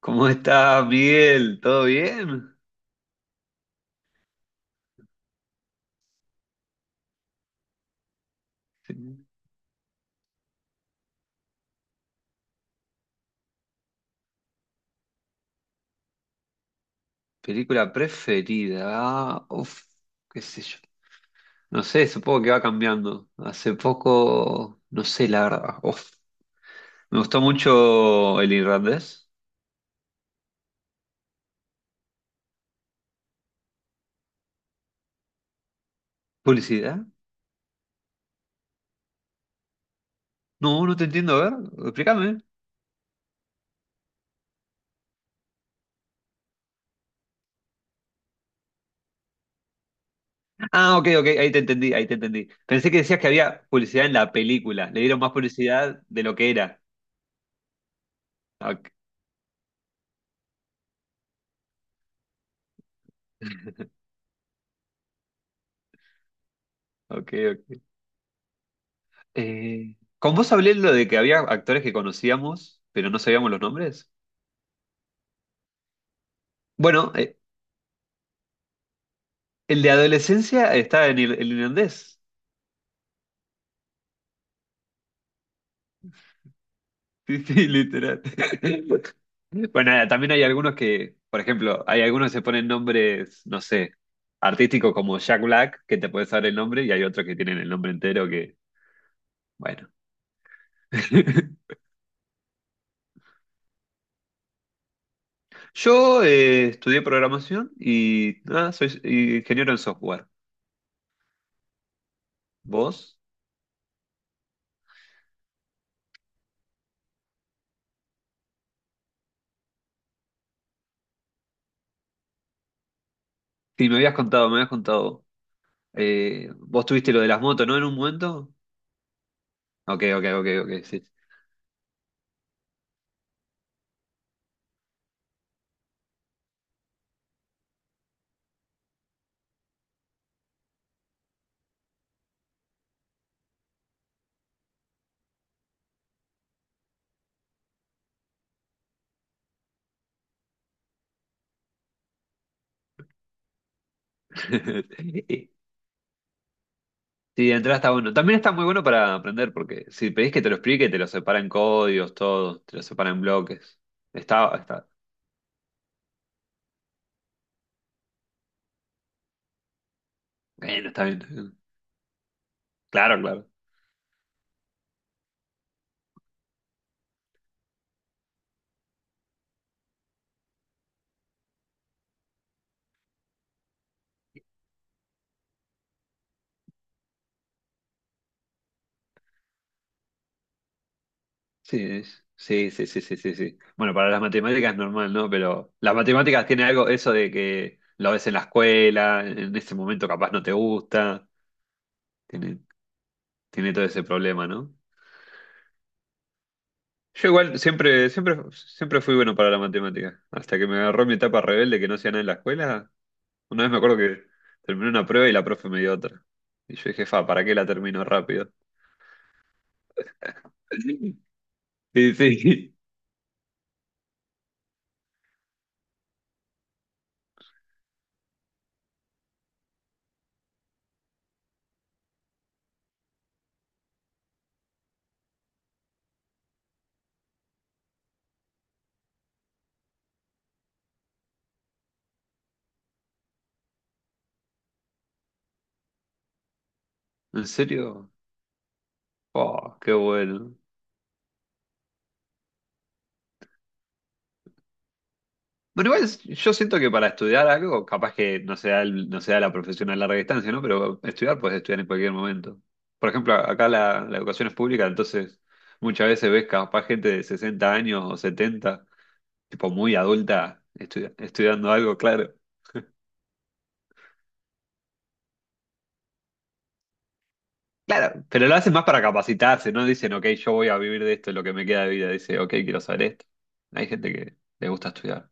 ¿Cómo estás, Miguel? ¿Todo bien? Película preferida. Qué sé yo. No sé, supongo que va cambiando. Hace poco, no sé, la verdad. Uf. Me gustó mucho El Irlandés. ¿Publicidad? No, no te entiendo, a ver, explícame. Ok, ok, ahí te entendí, ahí te entendí. Pensé que decías que había publicidad en la película. Le dieron más publicidad de lo que era. Ok, ok. Ok. ¿Con vos hablé lo de que había actores que conocíamos, pero no sabíamos los nombres? Bueno, eh, el de adolescencia está en el irlandés. Sí, sí, literal. Bueno, nada, también hay algunos que, por ejemplo, hay algunos que se ponen nombres, no sé, artísticos como Jack Black, que te puedes saber el nombre, y hay otros que tienen el nombre entero que, bueno. Yo estudié programación y nada, soy ingeniero en software. ¿Vos? Sí, me habías contado, me habías contado. Vos tuviste lo de las motos, ¿no? En un momento. Ok, ok, ok, ok, sí. Sí, de entrada está bueno. También está muy bueno para aprender, porque si pedís que te lo explique, te lo separan códigos, todo, te lo separan bloques. Está, está. Bueno, está bien. Claro, claro. Sí, sí, sí, sí, sí, sí, sí. Bueno, para las matemáticas es normal, ¿no? Pero las matemáticas tiene algo, eso de que lo ves en la escuela, en ese momento capaz no te gusta. Tiene, tiene todo ese problema, ¿no? Yo igual siempre, siempre, siempre fui bueno para la matemática. Hasta que me agarró mi etapa rebelde que no hacía nada en la escuela. Una vez me acuerdo que terminé una prueba y la profe me dio otra. Y yo dije, fa, ¿para qué la termino rápido? Sí, sí. ¿En serio? Oh, qué bueno. Bueno, igual es- yo siento que para estudiar algo, capaz que no sea, el- no sea la profesión a larga distancia, ¿no? Pero estudiar puedes estudiar en cualquier momento. Por ejemplo, acá la educación es pública, entonces muchas veces ves capaz gente de 60 años o 70 tipo muy adulta, estu- estudiando algo, claro. Claro, pero lo hacen más para capacitarse, no dicen, ok, yo voy a vivir de esto, lo que me queda de vida, dice, ok, quiero saber esto. Hay gente que le gusta estudiar.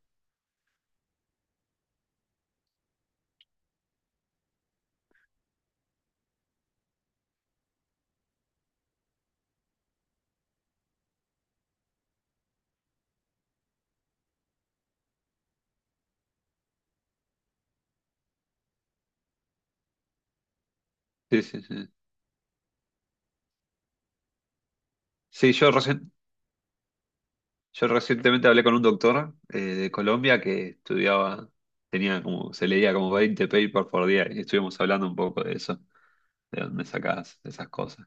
Sí, sí, sí. Sí, yo, recien- yo recientemente hablé con un doctor de Colombia que estudiaba, tenía como, se leía como 20 papers por día y estuvimos hablando un poco de eso, de dónde sacás esas cosas.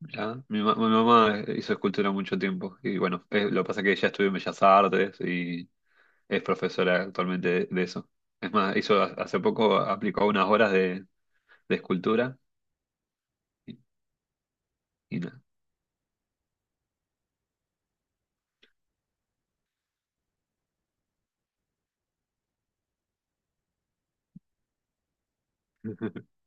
Mirá, mi mamá hizo escultura mucho tiempo y bueno, lo que pasa es que ella estudió en Bellas Artes y es profesora actualmente de eso. Es más, hizo hace poco, aplicó unas horas de escultura y, y nada.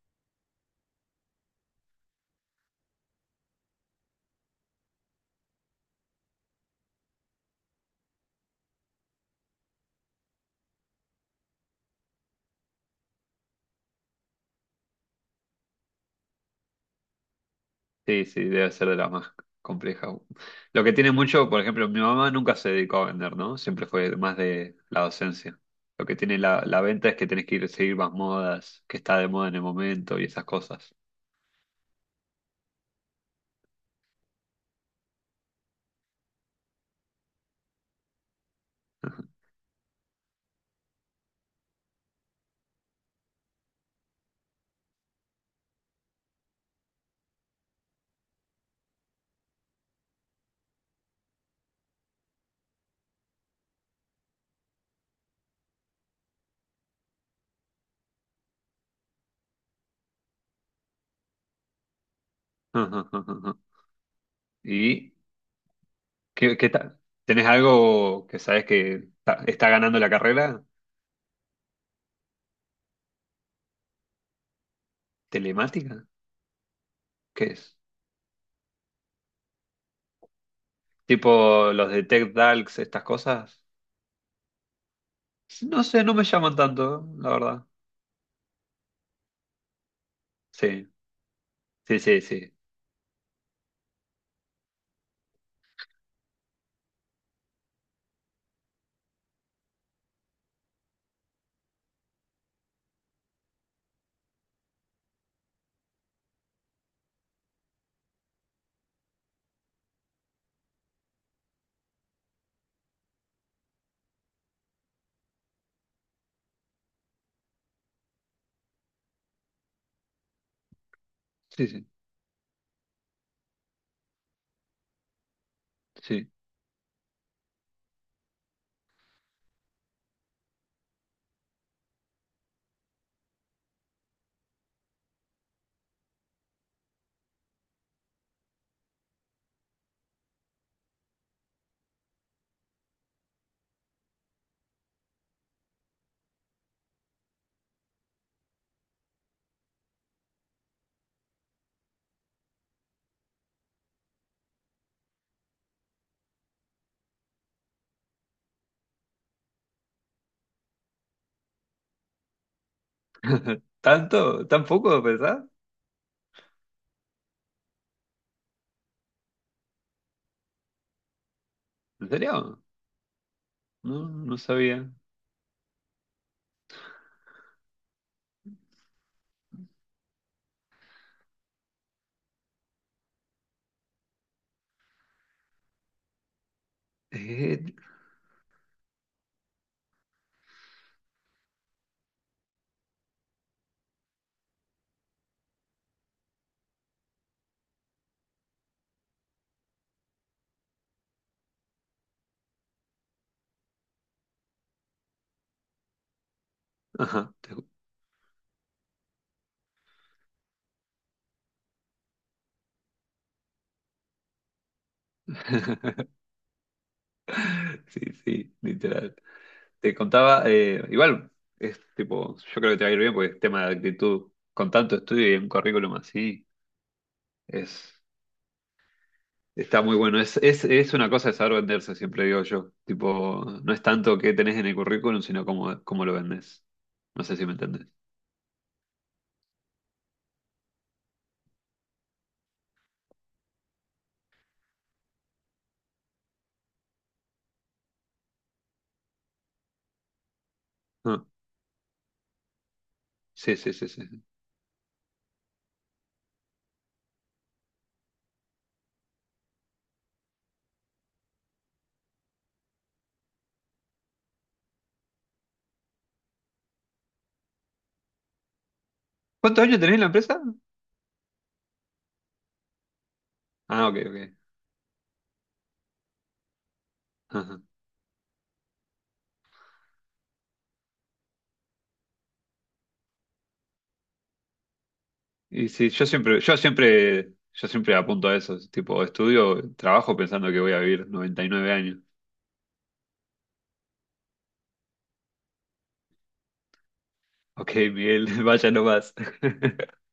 Sí, sí, debe ser de las más complejas. Lo que tiene mucho, por ejemplo, mi mamá nunca se dedicó a vender, ¿no? Siempre fue más de la docencia. Lo que tiene la venta es que tenés que ir a seguir más modas, que está de moda en el momento y esas cosas. ¿Y qué, qué tal? ¿Tenés algo que sabes que está, está ganando la carrera? ¿Telemática? ¿Qué es? Tipo los de Tech Talks, estas cosas. No sé, no me llaman tanto, la verdad. Sí, sí, sí, sí. Sí, sí, sí. ¿Tanto? ¿Tan poco, pensás? ¿En serio? No, no sabía. Eh, ajá, te ju- Sí, sí, literal. Te contaba, igual, es tipo, yo creo que te va a ir bien porque es tema de actitud. Con tanto estudio y un currículum así, es. Está muy bueno. Es una cosa de saber venderse, siempre digo yo. Tipo, no es tanto qué tenés en el currículum, sino cómo, cómo lo vendés. No sé si me entendés. Ah, sí, sí, sí, sí. ¿Cuántos años tenés en la empresa? Ah, ok, ok. Ajá. Y sí, yo siempre, yo siempre, yo siempre apunto a eso. Tipo, estudio, trabajo pensando que voy a vivir 99 años. Ok, Miguel, vaya nomás.